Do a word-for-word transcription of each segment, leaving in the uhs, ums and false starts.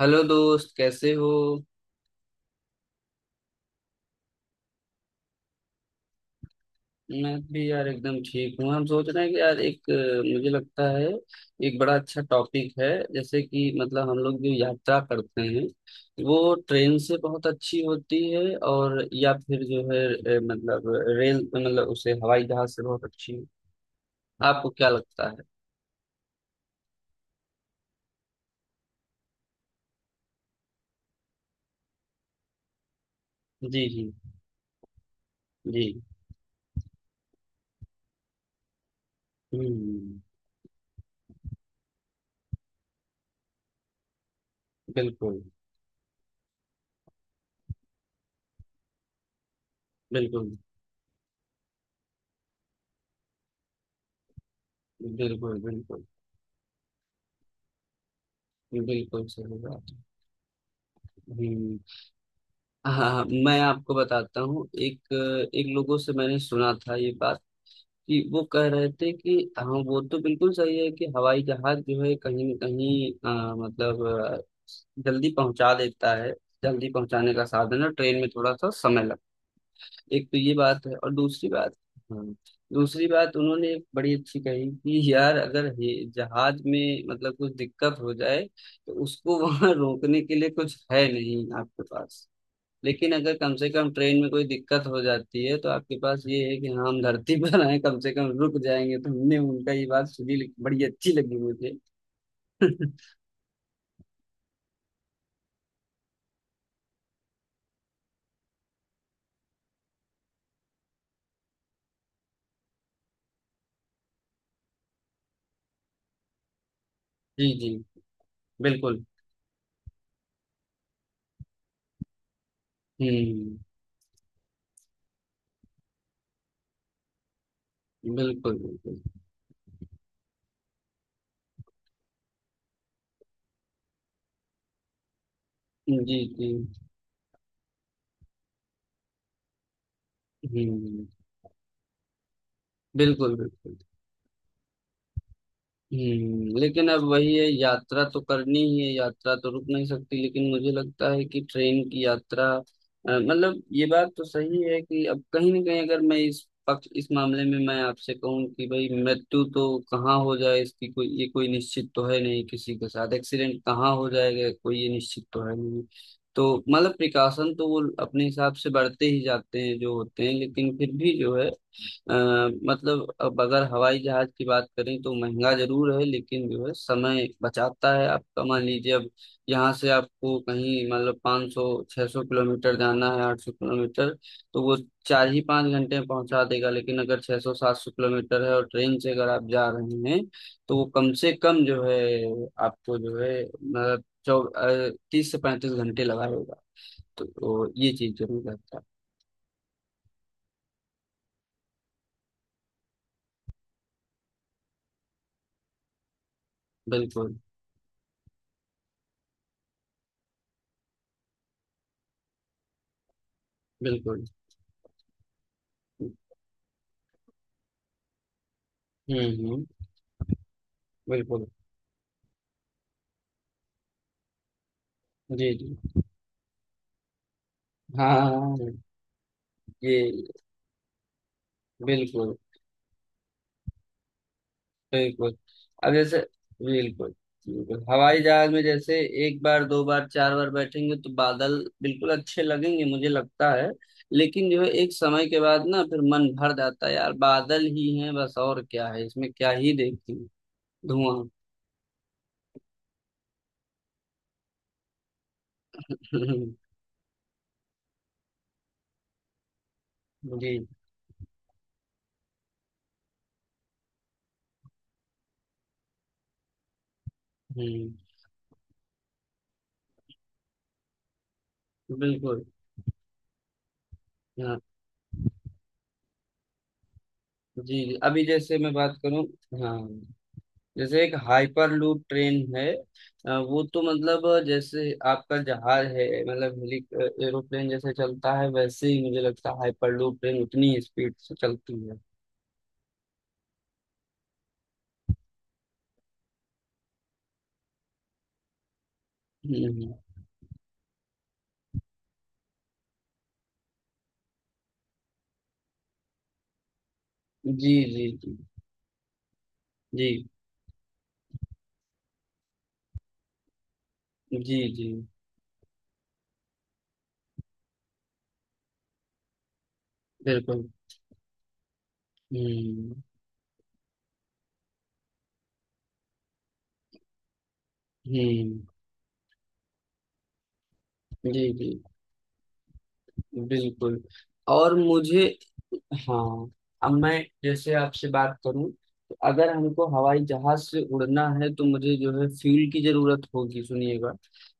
Hello दोस्त, कैसे हो? मैं भी यार एकदम ठीक हूँ। हम सोच रहे हैं कि यार एक अ, मुझे लगता है एक बड़ा अच्छा टॉपिक है। जैसे कि मतलब हम लोग जो यात्रा करते हैं वो ट्रेन से बहुत अच्छी होती है। और या फिर जो है अ, मतलब रेल मतलब उसे हवाई जहाज से बहुत अच्छी। आपको क्या लगता है? जी जी। जी। हम्म। बिल्कुल। बिल्कुल। बिल्कुल। बिल्कुल बिल्कुल। सही बात है। हम्म। हाँ हाँ, मैं आपको बताता हूँ। एक एक लोगों से मैंने सुना था ये बात, कि वो कह रहे थे कि हाँ वो तो बिल्कुल सही है कि हवाई जहाज जो है कहीं न कहीं अ, मतलब अ, जल्दी पहुंचा देता है। जल्दी पहुंचाने का साधन है। ट्रेन में थोड़ा सा समय लगता है, एक तो ये बात है। और दूसरी बात, हाँ, दूसरी बात उन्होंने एक बड़ी अच्छी कही कि यार अगर ये जहाज में मतलब कुछ दिक्कत हो जाए तो उसको वहां रोकने के लिए कुछ है नहीं आपके पास। लेकिन अगर कम से कम ट्रेन में कोई दिक्कत हो जाती है तो आपके पास ये है कि हाँ हम धरती पर आए, कम से कम रुक जाएंगे। तो हमने उनका ये बात सुनी, बड़ी अच्छी लगी मुझे। जी जी। बिल्कुल। हम्म। बिल्कुल बिल्कुल। जी जी। हम्म। बिल्कुल बिल्कुल। हम्म, लेकिन अब वही है, यात्रा तो करनी ही है। यात्रा तो रुक नहीं सकती। लेकिन मुझे लगता है कि ट्रेन की यात्रा अ, मतलब ये बात तो सही है कि अब कहीं ना कहीं अगर मैं इस पक्ष इस मामले में मैं आपसे कहूं कि भाई मृत्यु तो कहाँ हो जाए इसकी कोई ये कोई निश्चित तो है नहीं, किसी के साथ एक्सीडेंट कहाँ हो जाएगा कोई ये निश्चित तो है नहीं। तो मतलब प्रिकॉशन तो वो अपने हिसाब से बढ़ते ही जाते हैं जो होते हैं, लेकिन फिर भी जो है अ, मतलब अब अगर हवाई जहाज की बात करें तो महंगा जरूर है, लेकिन जो है समय बचाता है आपका। मान लीजिए अब यहाँ से आपको कहीं मतलब पाँच सौ छह सौ किलोमीटर जाना है, आठ सौ किलोमीटर, तो वो चार ही पाँच घंटे में पहुंचा देगा। लेकिन अगर छह सौ सात सौ किलोमीटर है और ट्रेन से अगर आप जा रहे हैं तो वो कम से कम जो है आपको जो है मतलब चौ अ, तीस से पैंतीस घंटे लगाएगा। तो, तो ये चीज जरूर रहता है। बिल्कुल बिल्कुल। हम्म। हम्म। बिल्कुल। जी जी। हाँ हाँ, हाँ, हाँ। ये बिल्कुल। बिल्कुल अब जैसे बिल्कुल बिल्कुल हवाई जहाज में जैसे एक बार दो बार चार बार बैठेंगे तो बादल बिल्कुल अच्छे लगेंगे, मुझे लगता है। लेकिन जो है एक समय के बाद ना फिर मन भर जाता है। यार बादल ही हैं बस, और क्या है इसमें क्या ही देखें। धुआं। जी। हम्म। बिल्कुल। हाँ। जी जी अभी जैसे मैं बात करूँ। हाँ, जैसे एक हाइपर लूप ट्रेन है अ, वो तो मतलब अ, जैसे आपका जहाज है, मतलब हेली एरोप्लेन जैसे चलता है, वैसे ही मुझे लगता है हाइपर लूप ट्रेन उतनी ही स्पीड से चलती है। हम्म। जी जी। जी जी। जी जी। बिल्कुल। हम्म हम्म। जी जी। बिल्कुल। और मुझे हाँ अब मैं जैसे आपसे बात करूं, तो अगर हमको हवाई जहाज से उड़ना है तो मुझे जो है फ्यूल की जरूरत होगी। सुनिएगा,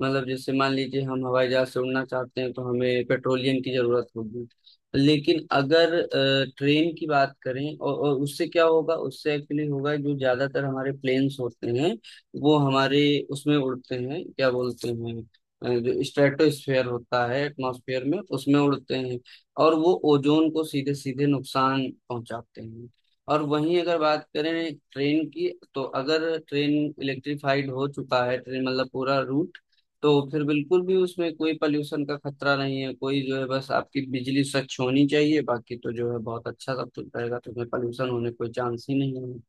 मतलब जैसे मान लीजिए हम हवाई जहाज से उड़ना चाहते हैं तो हमें पेट्रोलियम की जरूरत होगी। लेकिन अगर अ, ट्रेन की बात करें और, और उससे क्या होगा उससे एक्चुअली होगा जो ज्यादातर हमारे प्लेन्स होते हैं वो हमारे उसमें उड़ते हैं, क्या बोलते हैं, अ, जो स्ट्रेटोस्फेयर होता है एटमॉस्फेयर में उसमें उड़ते हैं, और वो ओजोन को सीधे सीधे नुकसान पहुंचाते हैं। और वहीं अगर बात करें ट्रेन की, तो अगर ट्रेन इलेक्ट्रिफाइड हो चुका है, ट्रेन मतलब पूरा रूट, तो फिर बिल्कुल भी उसमें कोई पॉल्यूशन का खतरा नहीं है। कोई जो है बस आपकी बिजली स्वच्छ होनी चाहिए, बाकी तो जो है बहुत अच्छा सब कुछ रहेगा। तो उसमें पॉल्यूशन होने कोई चांस ही नहीं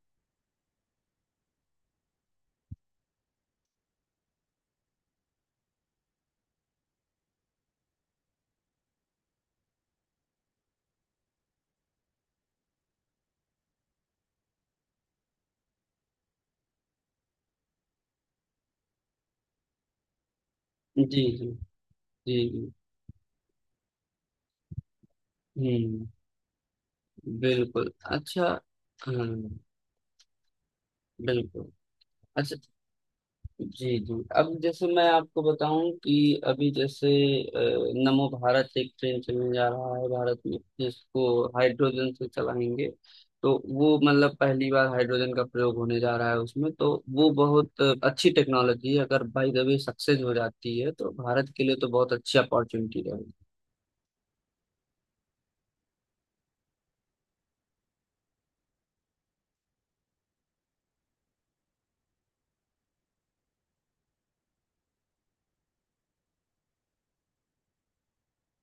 है। जी जी। जी जी। हम्म। बिल्कुल। अच्छा। हम्म। बिल्कुल। अच्छा। जी जी अब जैसे मैं आपको बताऊं कि अभी जैसे अ, नमो भारत एक ट्रेन चलने जा रहा है भारत में, जिसको हाइड्रोजन से चलाएंगे। तो वो मतलब पहली बार हाइड्रोजन का प्रयोग होने जा रहा है उसमें, तो वो बहुत अच्छी टेक्नोलॉजी है। अगर बाई द वे सक्सेस हो जाती है तो भारत के लिए तो बहुत अच्छी अपॉर्चुनिटी रहेगी।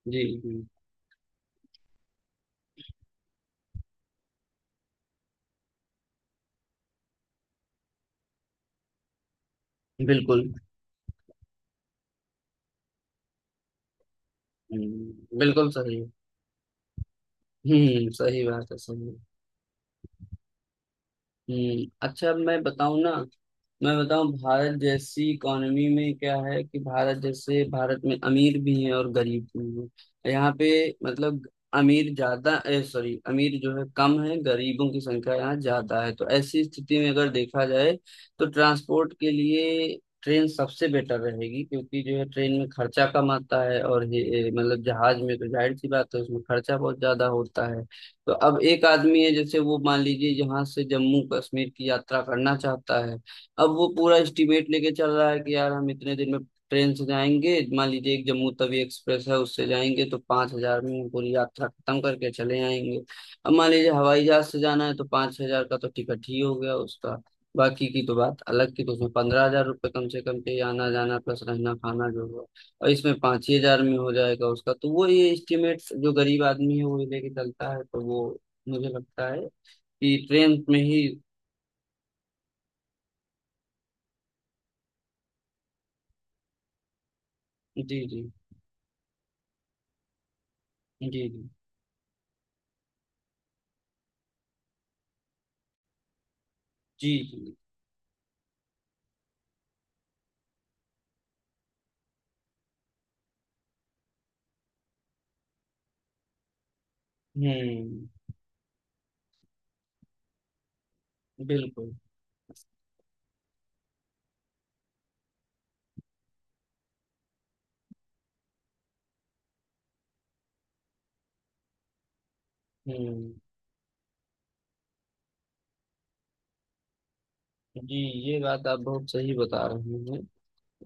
जी जी। बिल्कुल। हम्म, बिल्कुल सही। हम्म, सही बात है, सही है। हम्म अच्छा अब मैं बताऊं ना, मैं बताऊं भारत जैसी इकोनॉमी में क्या है कि भारत जैसे भारत में अमीर भी हैं और गरीब भी हैं यहाँ पे। मतलब अमीर ज्यादा ए सॉरी, अमीर जो है कम है, गरीबों की संख्या यहाँ ज्यादा है। तो ऐसी स्थिति में अगर देखा जाए तो ट्रांसपोर्ट के लिए ट्रेन सबसे बेटर रहेगी, क्योंकि जो है ट्रेन में खर्चा कम आता है। और ये- ये मतलब जहाज में तो जाहिर सी बात है उसमें खर्चा बहुत ज्यादा होता है। तो अब एक आदमी है जैसे, वो मान लीजिए यहाँ से जम्मू कश्मीर की यात्रा करना चाहता है। अब वो पूरा एस्टिमेट लेके चल रहा है कि यार हम इतने दिन में ट्रेन से जाएंगे, मान लीजिए एक जम्मू तवी एक्सप्रेस है उससे जाएंगे, तो पांच हज़ार में हम पूरी यात्रा खत्म करके चले आएंगे। अब मान लीजिए हवाई जहाज से जाना है तो पांच हज़ार का तो टिकट ही हो गया उसका, बाकी की तो बात अलग की, तो उसमें पंद्रह हज़ार रुपये कम से कम के आना जाना प्लस रहना खाना जो हुआ। और इसमें पाँच ही हज़ार में हो जाएगा उसका, तो वो ये एस्टिमेट जो गरीब आदमी है वो ये लेके चलता है, तो वो मुझे लगता है कि ट्रेन में ही। जी जी। जी जी। जी जी। हम्म। बिल्कुल। हम्म। जी। ये बात आप बहुत सही बता रहे हैं।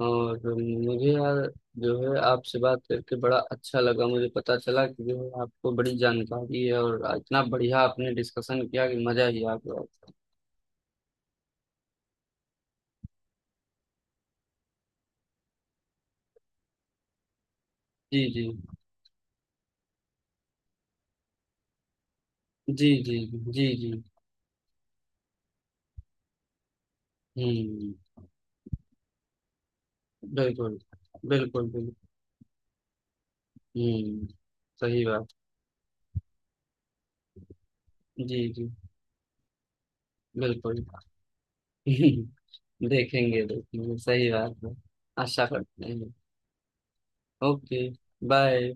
और मुझे यार जो है आपसे बात करके बड़ा अच्छा लगा। मुझे पता चला कि जो है आपको बड़ी जानकारी है, और इतना बढ़िया आपने डिस्कशन किया कि मजा ही आ गया। जी जी। जी जी। जी जी। हम्म। बिल्कुल, बिल्कुल, बिल्कुल। हुँ, सही बात। जी, जी, बिल्कुल। देखेंगे, देखेंगे, सही बात है। आशा करते हैं। Okay, bye.